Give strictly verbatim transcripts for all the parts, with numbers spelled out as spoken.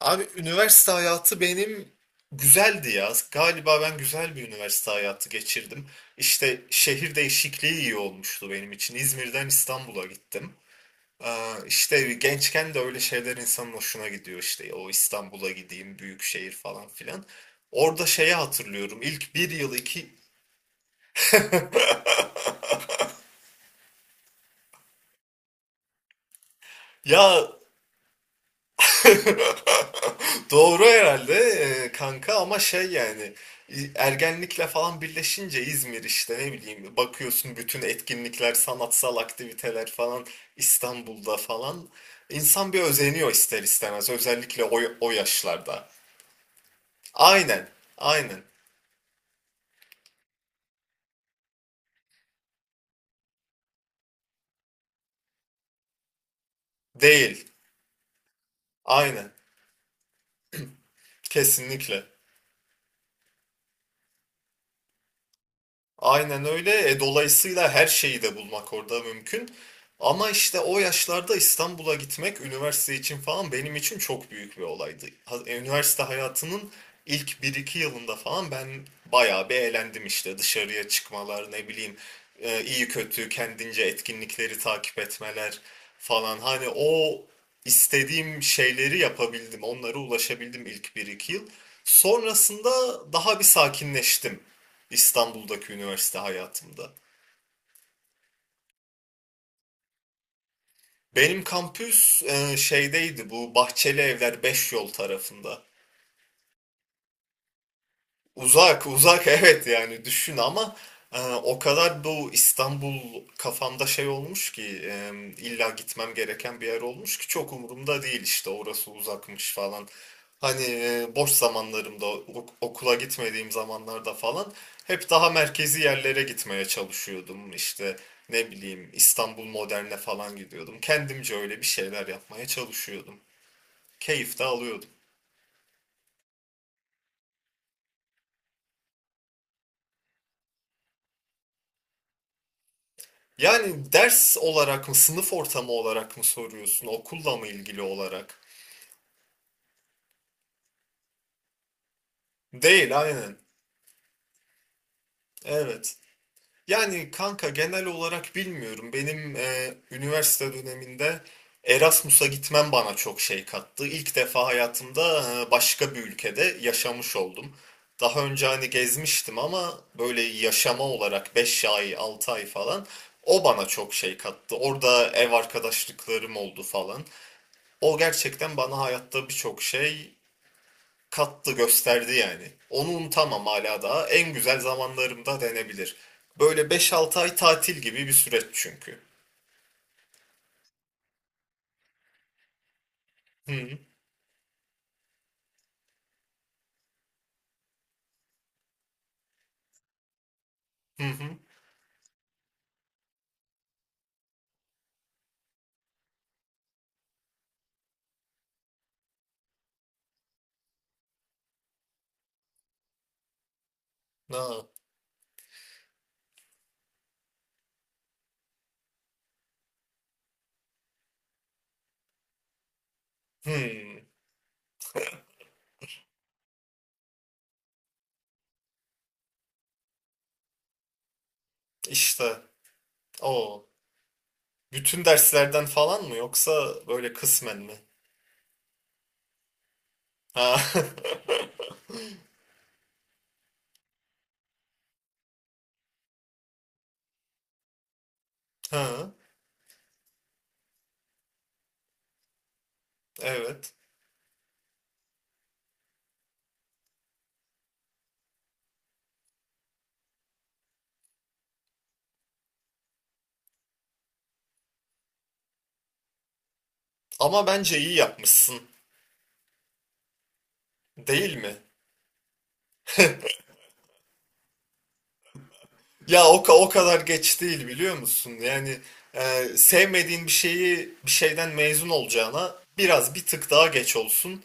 Abi üniversite hayatı benim güzeldi ya. Galiba ben güzel bir üniversite hayatı geçirdim. İşte şehir değişikliği iyi olmuştu benim için. İzmir'den İstanbul'a gittim. Ee, işte gençken de öyle şeyler insanın hoşuna gidiyor işte. O İstanbul'a gideyim, büyük şehir falan filan. Orada şeyi hatırlıyorum. İlk bir yıl iki. Ya doğru herhalde e, kanka ama şey yani e, ergenlikle falan birleşince İzmir işte ne bileyim bakıyorsun bütün etkinlikler, sanatsal aktiviteler falan İstanbul'da falan insan bir özeniyor ister istemez özellikle o, o yaşlarda. Aynen, aynen. Değil, aynen. Kesinlikle. Aynen öyle. E, dolayısıyla her şeyi de bulmak orada mümkün. Ama işte o yaşlarda İstanbul'a gitmek üniversite için falan benim için çok büyük bir olaydı. Ha- e, Üniversite hayatının ilk bir iki yılında falan ben bayağı bir eğlendim işte. Dışarıya çıkmalar, ne bileyim e, iyi kötü kendince etkinlikleri takip etmeler falan. Hani o istediğim şeyleri yapabildim, onlara ulaşabildim ilk bir iki yıl. Sonrasında daha bir sakinleştim. İstanbul'daki üniversite hayatımda. Benim kampüs e, şeydeydi, bu Bahçeli Evler beş Yol tarafında. Uzak, uzak evet yani düşün ama e, o kadar bu İstanbul kafamda şey olmuş ki e, illa gitmem gereken bir yer olmuş ki çok umurumda değil işte, orası uzakmış falan. Hani e, boş zamanlarımda ok- okula gitmediğim zamanlarda falan hep daha merkezi yerlere gitmeye çalışıyordum. İşte ne bileyim İstanbul Modern'e falan gidiyordum. Kendimce öyle bir şeyler yapmaya çalışıyordum. Keyif de alıyordum. Yani ders olarak mı, sınıf ortamı olarak mı soruyorsun, okulla mı ilgili olarak? Değil, aynen. Evet. Yani kanka genel olarak bilmiyorum. Benim e, üniversite döneminde Erasmus'a gitmem bana çok şey kattı. İlk defa hayatımda e, başka bir ülkede yaşamış oldum. Daha önce hani gezmiştim ama böyle yaşama olarak beş ay, altı ay falan, o bana çok şey kattı. Orada ev arkadaşlıklarım oldu falan. O gerçekten bana hayatta birçok şey kattı, gösterdi yani. Onu unutamam hala daha. En güzel zamanlarımda denebilir. Böyle beş altı ay tatil gibi bir süreç çünkü. Hı hı hı. Na. Hı. İşte o. Bütün derslerden falan mı yoksa böyle kısmen mi? Ha. Ha, evet. Ama bence iyi yapmışsın, değil mi? Ya o, ka- o kadar geç değil, biliyor musun? Yani e, sevmediğin bir şeyi, bir şeyden mezun olacağına biraz bir tık daha geç olsun.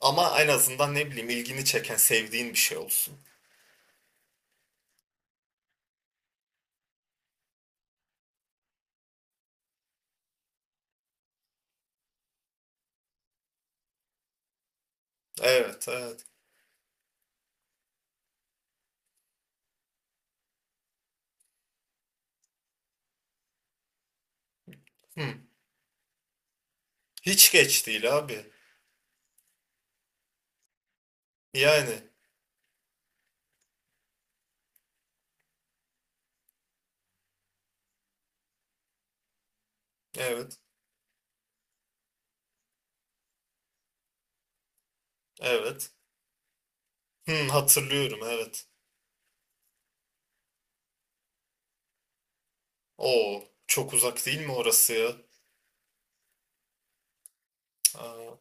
Ama en azından ne bileyim ilgini çeken, sevdiğin bir şey olsun. Evet, evet. Hmm. Hiç geç değil abi. Yani evet, evet. Hmm, hatırlıyorum, evet. Oo, çok uzak değil mi orası ya? Cık, aa.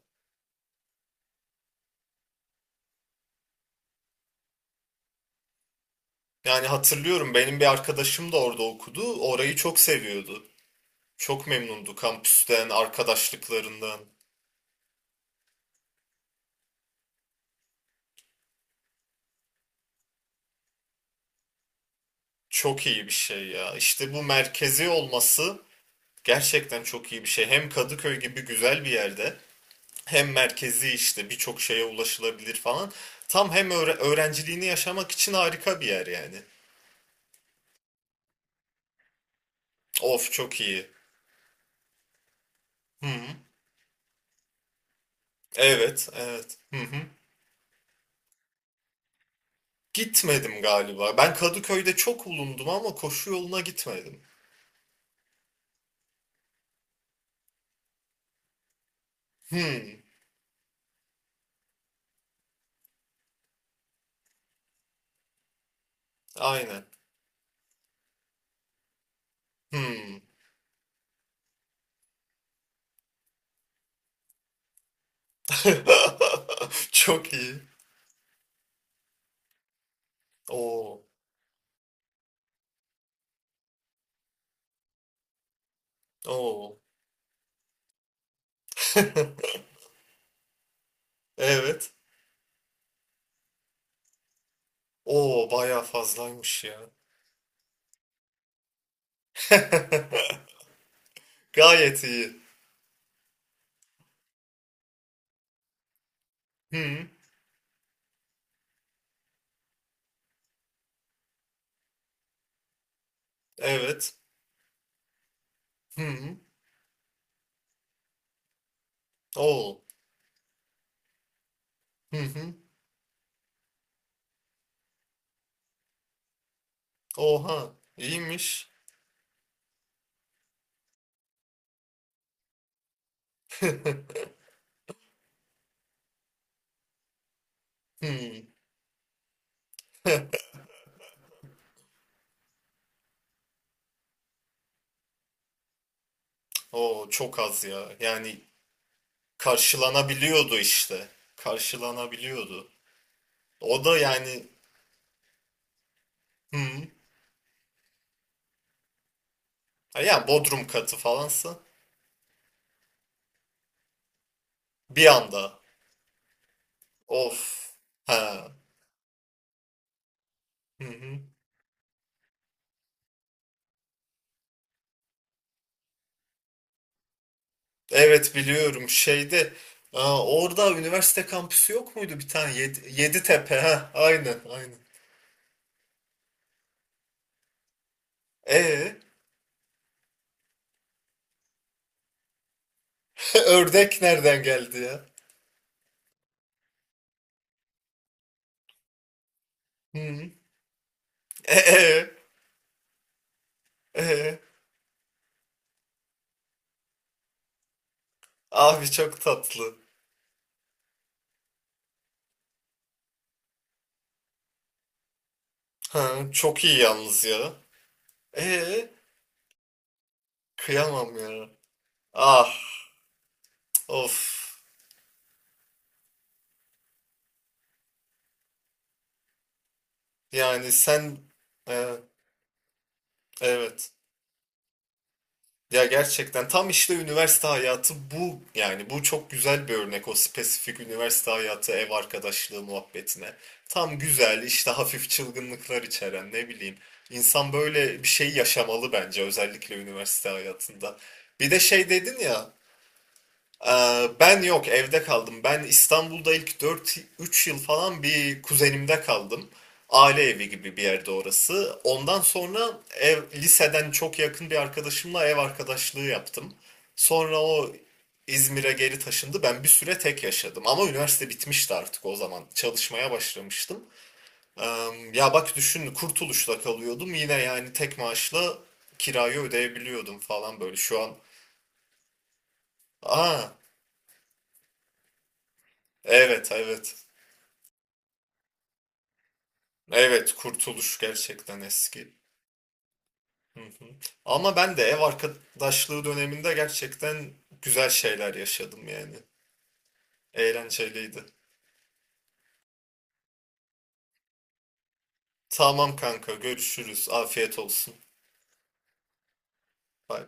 Yani hatırlıyorum, benim bir arkadaşım da orada okudu. Orayı çok seviyordu. Çok memnundu kampüsten, arkadaşlıklarından. Çok iyi bir şey ya. İşte bu merkezi olması gerçekten çok iyi bir şey. Hem Kadıköy gibi güzel bir yerde hem merkezi, işte birçok şeye ulaşılabilir falan. Tam hem öğre- öğrenciliğini yaşamak için harika bir yer yani. Of, çok iyi. Hı hı. Evet, evet. Hı hı. Gitmedim galiba. Ben Kadıköy'de çok bulundum ama koşu yoluna gitmedim. Hı. Aynen. Hı. Çok iyi. Oo. Oo. Evet. Oo, bayağı fazlaymış ya. Gayet iyi. Hı, evet. Hı, oo. Hı hı. Oha. İyiymiş. Hı. Oo, çok az ya. Yani karşılanabiliyordu işte. Karşılanabiliyordu. O da yani, hı. Ya Bodrum katı falansa bir anda. Of. Ha. Hı hı. Evet, biliyorum şeyde, aa, orada üniversite kampüsü yok muydu bir tane? Yedi, Yeditepe, ha aynen, aynen. E ördek nereden geldi ya? Hı. E, e, e. Abi çok tatlı. Ha, çok iyi yalnız ya. E Kıyamam ya. Ah, of, yani sen e, evet. Ya gerçekten tam işte üniversite hayatı bu, yani bu çok güzel bir örnek o spesifik üniversite hayatı, ev arkadaşlığı muhabbetine. Tam güzel işte, hafif çılgınlıklar içeren, ne bileyim. İnsan böyle bir şey yaşamalı bence, özellikle üniversite hayatında. Bir de şey dedin ya, ee, ben yok, evde kaldım. Ben İstanbul'da ilk dört üç yıl falan bir kuzenimde kaldım. Aile evi gibi bir yerde orası. Ondan sonra ev, liseden çok yakın bir arkadaşımla ev arkadaşlığı yaptım. Sonra o İzmir'e geri taşındı. Ben bir süre tek yaşadım. Ama üniversite bitmişti artık o zaman. Çalışmaya başlamıştım. Ee, Ya bak düşün, Kurtuluş'ta kalıyordum. Yine yani tek maaşla kirayı ödeyebiliyordum falan böyle. Şu an. Aa, evet, evet. Evet, Kurtuluş gerçekten eski. Hı hı. Ama ben de ev arkadaşlığı döneminde gerçekten güzel şeyler yaşadım yani. Eğlenceliydi. Tamam kanka, görüşürüz. Afiyet olsun. Bay bay.